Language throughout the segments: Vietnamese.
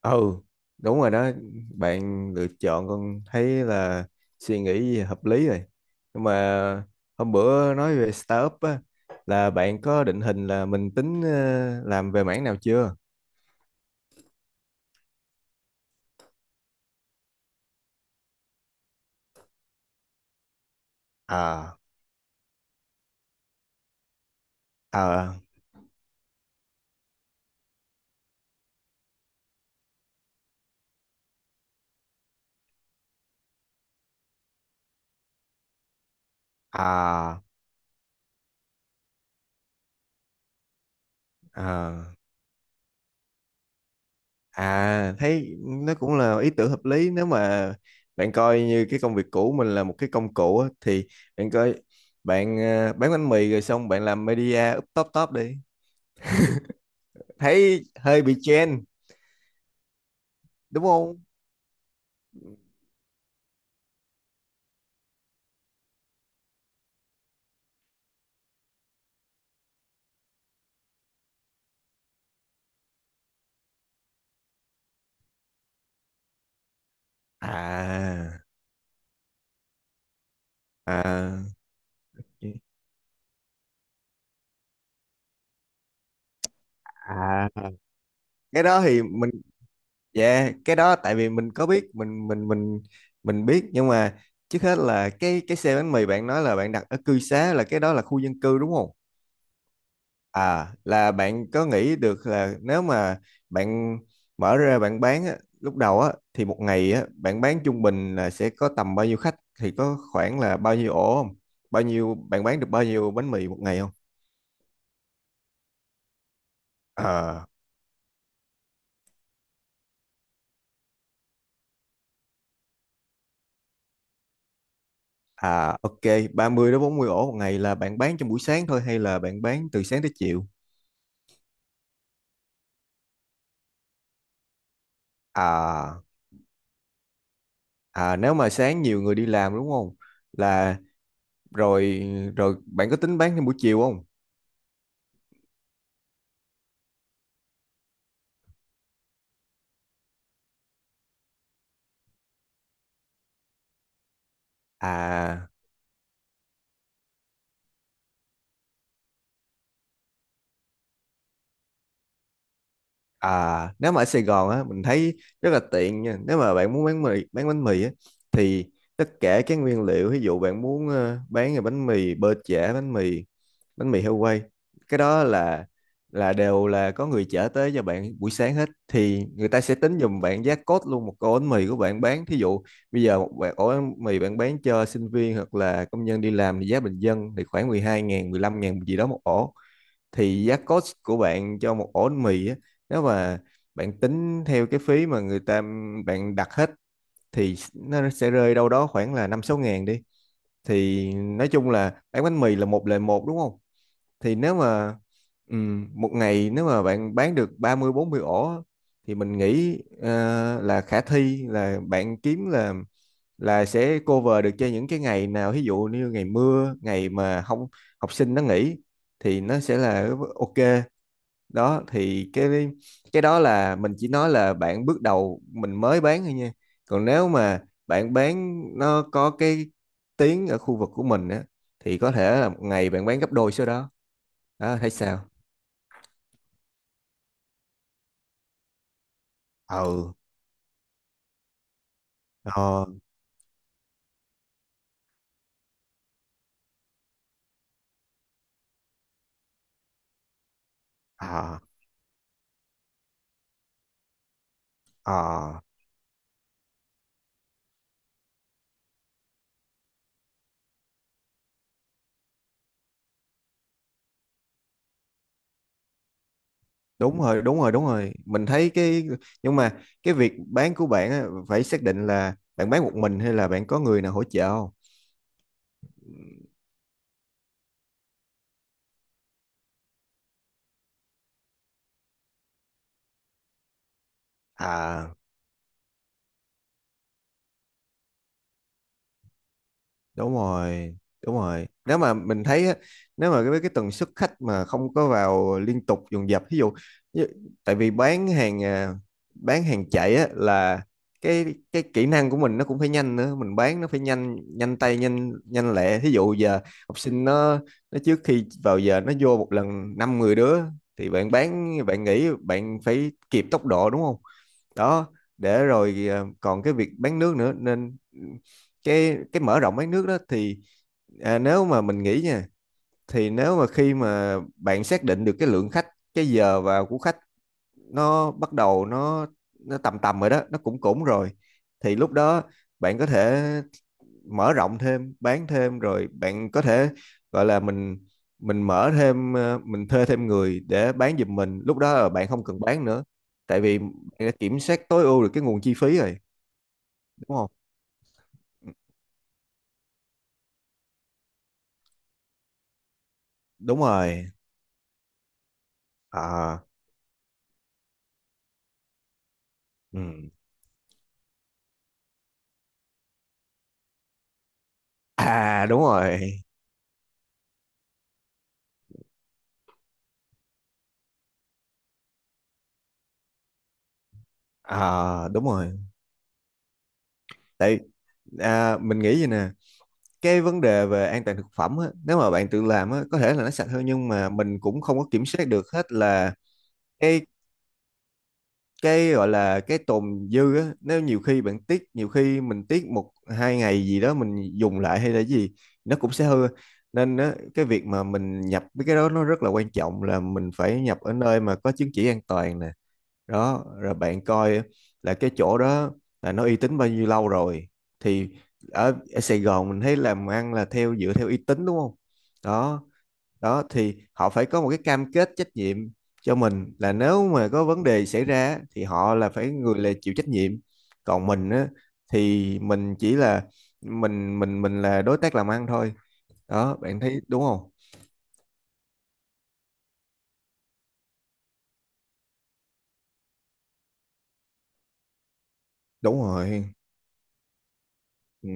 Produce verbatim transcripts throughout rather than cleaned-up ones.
ừ Đúng rồi đó. Bạn lựa chọn con thấy là suy nghĩ hợp lý rồi. Nhưng mà hôm bữa nói về startup á, là bạn có định hình là mình tính ờ, làm về mảng nào chưa? À, à, à, à, à, thấy nó cũng là ý tưởng hợp lý. Nếu mà bạn coi như cái công việc cũ mình là một cái công cụ á, thì bạn coi, bạn ờ, bán bánh mì rồi xong bạn làm media up top top đi, thấy hơi bị trend, đúng không? À, à, à, cái đó thì mình, dạ cái đó tại vì mình có biết, mình mình mình mình biết nhưng mà trước hết là cái cái xe bánh mì bạn nói là bạn đặt ở cư xá, là cái đó là khu dân cư đúng không? À, là bạn có nghĩ được là nếu mà bạn mở ra bạn bán á, lúc đầu á thì một ngày á bạn bán trung bình là sẽ có tầm bao nhiêu khách, thì có khoảng là bao nhiêu ổ không? Bao nhiêu, bạn bán được bao nhiêu bánh mì một ngày không? À. À, ok, ba mươi đến bốn mươi ổ một ngày là bạn bán trong buổi sáng thôi hay là bạn bán từ sáng tới chiều? À, à, nếu mà sáng nhiều người đi làm đúng không? Là, rồi, rồi bạn có tính bán trong buổi chiều không? À. À, nếu mà ở Sài Gòn á, mình thấy rất là tiện nha. Nếu mà bạn muốn bán mì, bán bánh mì á, thì tất cả các nguyên liệu, ví dụ bạn muốn ờ, bán là bánh mì bơ chả, bánh mì, bánh mì heo quay, cái đó là là đều là có người chở tới cho bạn buổi sáng hết, thì người ta sẽ tính giùm bạn giá cốt luôn một ổ bánh mì của bạn bán. Thí dụ bây giờ một bạn- ổ bánh mì bạn bán cho sinh viên hoặc là công nhân đi làm thì giá bình dân thì khoảng mười hai ngàn, mười lăm ngàn gì đó một ổ, thì giá cost của bạn cho một ổ bánh mì á, nếu mà bạn tính theo cái phí mà người ta bạn đặt hết thì nó sẽ rơi đâu đó khoảng là năm sáu ngàn đi. Thì nói chung là bán bánh mì là một lời một, đúng không? Thì nếu mà ừm, một ngày nếu mà bạn bán được ba mươi bốn mươi ổ á, thì mình nghĩ ờ, là khả thi là bạn kiếm là là sẽ cover được cho những cái ngày nào ví dụ như ngày mưa, ngày mà không học sinh nó nghỉ, thì nó sẽ là ok. Đó thì cái cái đó là mình chỉ nói là bạn bước đầu mình mới bán thôi nha, còn nếu mà bạn bán nó có cái tiếng ở khu vực của mình á thì có thể là một ngày bạn bán gấp đôi số đó. Đó thấy sao? Ừ, ờ, ờ, ờ, đúng rồi, đúng rồi, đúng rồi, mình thấy cái, nhưng mà cái việc bán của bạn á, phải xác định là bạn bán một mình hay là bạn có người nào hỗ trợ không? À, đúng rồi, đúng rồi, nếu mà mình thấy á, nếu mà cái cái tần suất khách mà không có vào liên tục dồn dập ví dụ như, tại vì bán hàng à, bán hàng chạy á, là cái cái kỹ năng của mình nó cũng phải nhanh nữa, mình bán nó phải nhanh, nhanh tay nhanh, nhanh lẹ, ví dụ giờ học sinh nó nó trước khi vào giờ nó vô một lần năm mười đứa, thì bạn bán bạn nghĩ bạn phải kịp tốc độ đúng không? Đó. Để rồi à, còn cái việc bán nước nữa nên cái cái mở rộng bán nước đó thì à, nếu mà mình nghĩ nha, thì nếu mà khi mà bạn xác định được cái lượng khách, cái giờ vào của khách, nó bắt đầu nó nó tầm tầm rồi đó, nó cũng cũng rồi, thì lúc đó bạn có thể mở rộng thêm bán thêm, rồi bạn có thể gọi là mình mình mở thêm ờ, mình thuê thêm người để bán giùm mình, lúc đó là bạn không cần bán nữa, tại vì bạn đã kiểm soát tối ưu được cái nguồn chi phí rồi, đúng không? Ừ, đúng rồi. À, ừ. À đúng rồi, à đúng rồi, tại à, mình nghĩ vậy nè, cái vấn đề về an toàn thực phẩm á, nếu mà bạn tự làm á, có thể là nó sạch hơn, nhưng mà mình cũng không có kiểm soát được hết là cái cái gọi là cái tồn dư á, nếu nhiều khi bạn tiếc, nhiều khi mình tiếc một hai ngày gì đó mình dùng lại hay là gì, nó cũng sẽ hư, nên á, cái việc mà mình nhập mấy cái đó nó rất là quan trọng là mình phải nhập ở nơi mà có chứng chỉ an toàn nè. Đó, rồi bạn coi là cái chỗ đó là nó uy tín bao nhiêu lâu rồi. Thì ở, ở Sài Gòn mình thấy làm ăn là theo dựa theo uy tín, đúng không? Đó, đó thì họ phải có một cái cam kết trách nhiệm cho mình, là nếu mà có vấn đề xảy ra thì họ là phải người là chịu trách nhiệm. Còn mình á, thì mình chỉ là mình mình mình là đối tác làm ăn thôi. Đó bạn thấy đúng không? Đúng rồi. Ừ,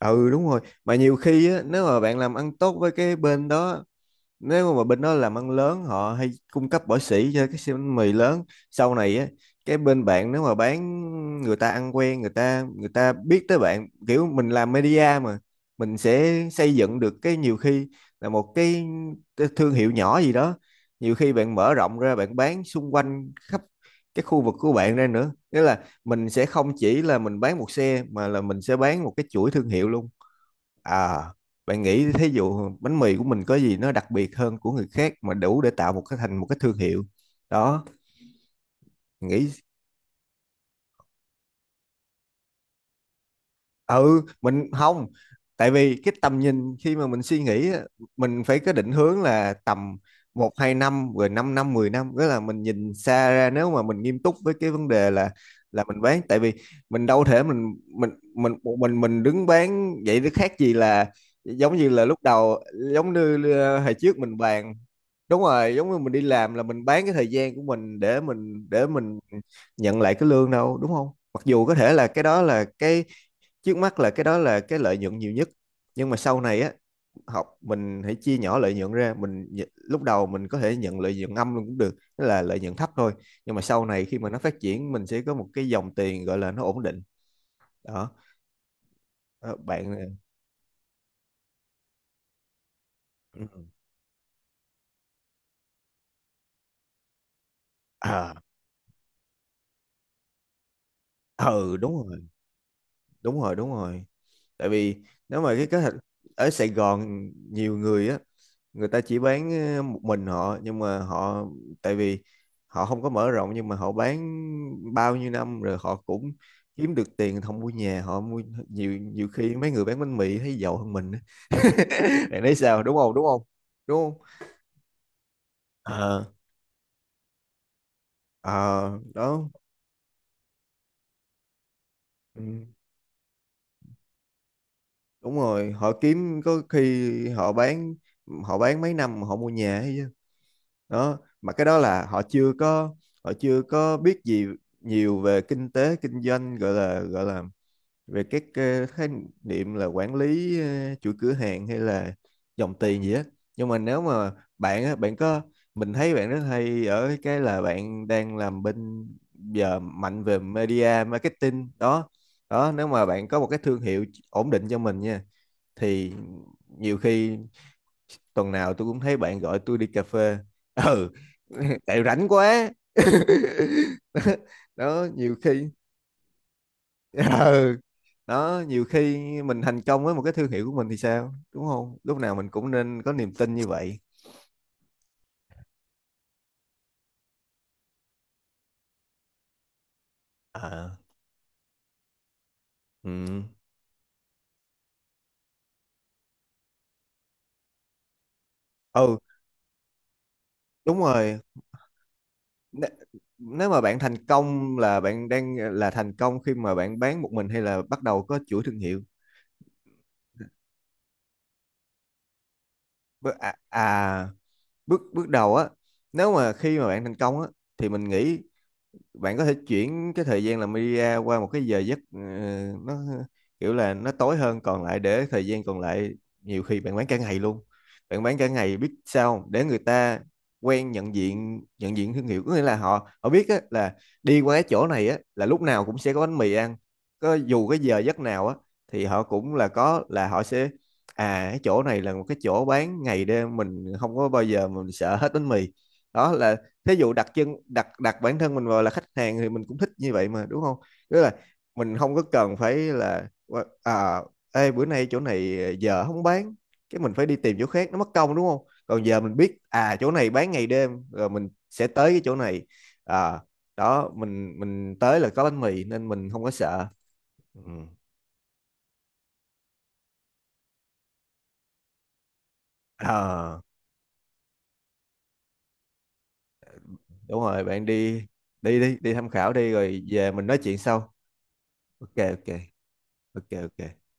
ừ đúng rồi, mà nhiều khi á, nếu mà bạn làm ăn tốt với cái bên đó, nếu mà bên đó làm ăn lớn họ hay cung cấp bỏ sỉ cho cái siêu bánh mì lớn sau này á, cái bên bạn nếu mà bán, người ta ăn quen, người ta người ta biết tới bạn, kiểu mình làm media mà, mình sẽ xây dựng được cái, nhiều khi là một cái thương hiệu nhỏ gì đó. Nhiều khi bạn mở rộng ra bạn bán xung quanh khắp cái khu vực của bạn ra nữa, nghĩa là mình sẽ không chỉ là mình bán một xe, mà là mình sẽ bán một cái chuỗi thương hiệu luôn. À, bạn nghĩ thí dụ bánh mì của mình có gì nó đặc biệt hơn của người khác, mà đủ để tạo một cái thành một cái thương hiệu? Đó, nghĩ. Ừ mình không, tại vì cái tầm nhìn khi mà mình suy nghĩ á, mình phải có định hướng là tầm một hai năm, rồi 5 năm năm, mười năm, nghĩa là mình nhìn xa ra, nếu mà mình nghiêm túc với cái vấn đề là là mình bán. Tại vì mình đâu thể mình mình mình một mình mình đứng bán vậy, nó khác gì là giống như là lúc đầu, giống như uh, hồi trước mình bàn. Đúng rồi, giống như mình đi làm là mình bán cái thời gian của mình để mình để mình nhận lại cái lương đâu đúng không? Mặc dù có thể là cái đó là cái trước mắt, là cái đó là cái lợi nhuận nhiều nhất, nhưng mà sau này á, học mình hãy chia nhỏ lợi nhuận ra, mình lúc đầu mình có thể nhận lợi nhuận âm luôn cũng được, tức là lợi nhuận thấp thôi, nhưng mà sau này khi mà nó phát triển mình sẽ có một cái dòng tiền gọi là nó ổn định. Đó. Ờ, bạn. Ừ. À, ừ đúng rồi, đúng rồi, đúng rồi, tại vì nếu mà cái kế hoạch ở Sài Gòn nhiều người á, người ta chỉ bán ờ, một mình họ, nhưng mà họ, tại vì họ không có mở rộng, nhưng mà họ bán bao nhiêu năm rồi họ cũng kiếm được tiền, không mua nhà họ mua. Nhiều, nhiều khi mấy người bán bánh mì thấy giàu hơn mình á. Bạn thấy sao, đúng không, đúng không, đúng không? Ờ, ờ đó. Ừ, đúng rồi họ kiếm, có khi họ bán, họ bán mấy năm mà họ mua nhà ấy chứ. Đó, mà cái đó là họ chưa có họ chưa có biết gì nhiều về kinh tế kinh doanh, gọi là, gọi là về các ờ, khái niệm là quản lý ờ, chuỗi cửa hàng hay là dòng tiền gì á. Nhưng mà nếu mà bạn á bạn có, mình thấy bạn rất hay ở cái là bạn đang làm bên giờ mạnh về media marketing đó. Đó nếu mà bạn có một cái thương hiệu ổn định cho mình nha, thì nhiều khi tuần nào tôi cũng thấy bạn gọi tôi đi cà phê. Ừ, tại rảnh quá. Đó nhiều khi. Ừ, đó nhiều khi mình thành công với một cái thương hiệu của mình thì sao, đúng không, lúc nào mình cũng nên có niềm tin như vậy. À, ừ, ừ, đúng rồi. N-, nếu mà bạn thành công là bạn đang là thành công khi mà bạn bán một mình, hay là bắt đầu có chuỗi thương hiệu? Bước à, à, bước bước đầu á, nếu mà khi mà bạn thành công á, thì mình nghĩ bạn có thể chuyển cái thời gian làm media qua một cái giờ giấc ờ, nó kiểu là nó tối hơn, còn lại để thời gian còn lại, nhiều khi bạn bán cả ngày luôn. Bạn bán cả ngày biết sao không? Để người ta quen nhận diện, nhận diện thương hiệu, có nghĩa là họ, họ biết á, là đi qua cái chỗ này á, là lúc nào cũng sẽ có bánh mì ăn, có dù cái giờ giấc nào á, thì họ cũng là có, là họ sẽ à cái chỗ này là một cái chỗ bán ngày đêm, mình không có bao giờ mình sợ hết bánh mì. Đó là thí dụ đặt chân đặt, đặt bản thân mình vào là khách hàng, thì mình cũng thích như vậy mà đúng không? Tức là mình không có cần phải là à, ê bữa nay chỗ này giờ không bán, cái mình phải đi tìm chỗ khác nó mất công, đúng không? Còn giờ mình biết à chỗ này bán ngày đêm rồi mình sẽ tới cái chỗ này. À, đó mình mình tới là có bánh mì nên mình không có sợ. Ừ. À, đúng rồi bạn đi, đi đi đi tham khảo đi rồi về mình nói chuyện sau. Ok, ok, ok, ok.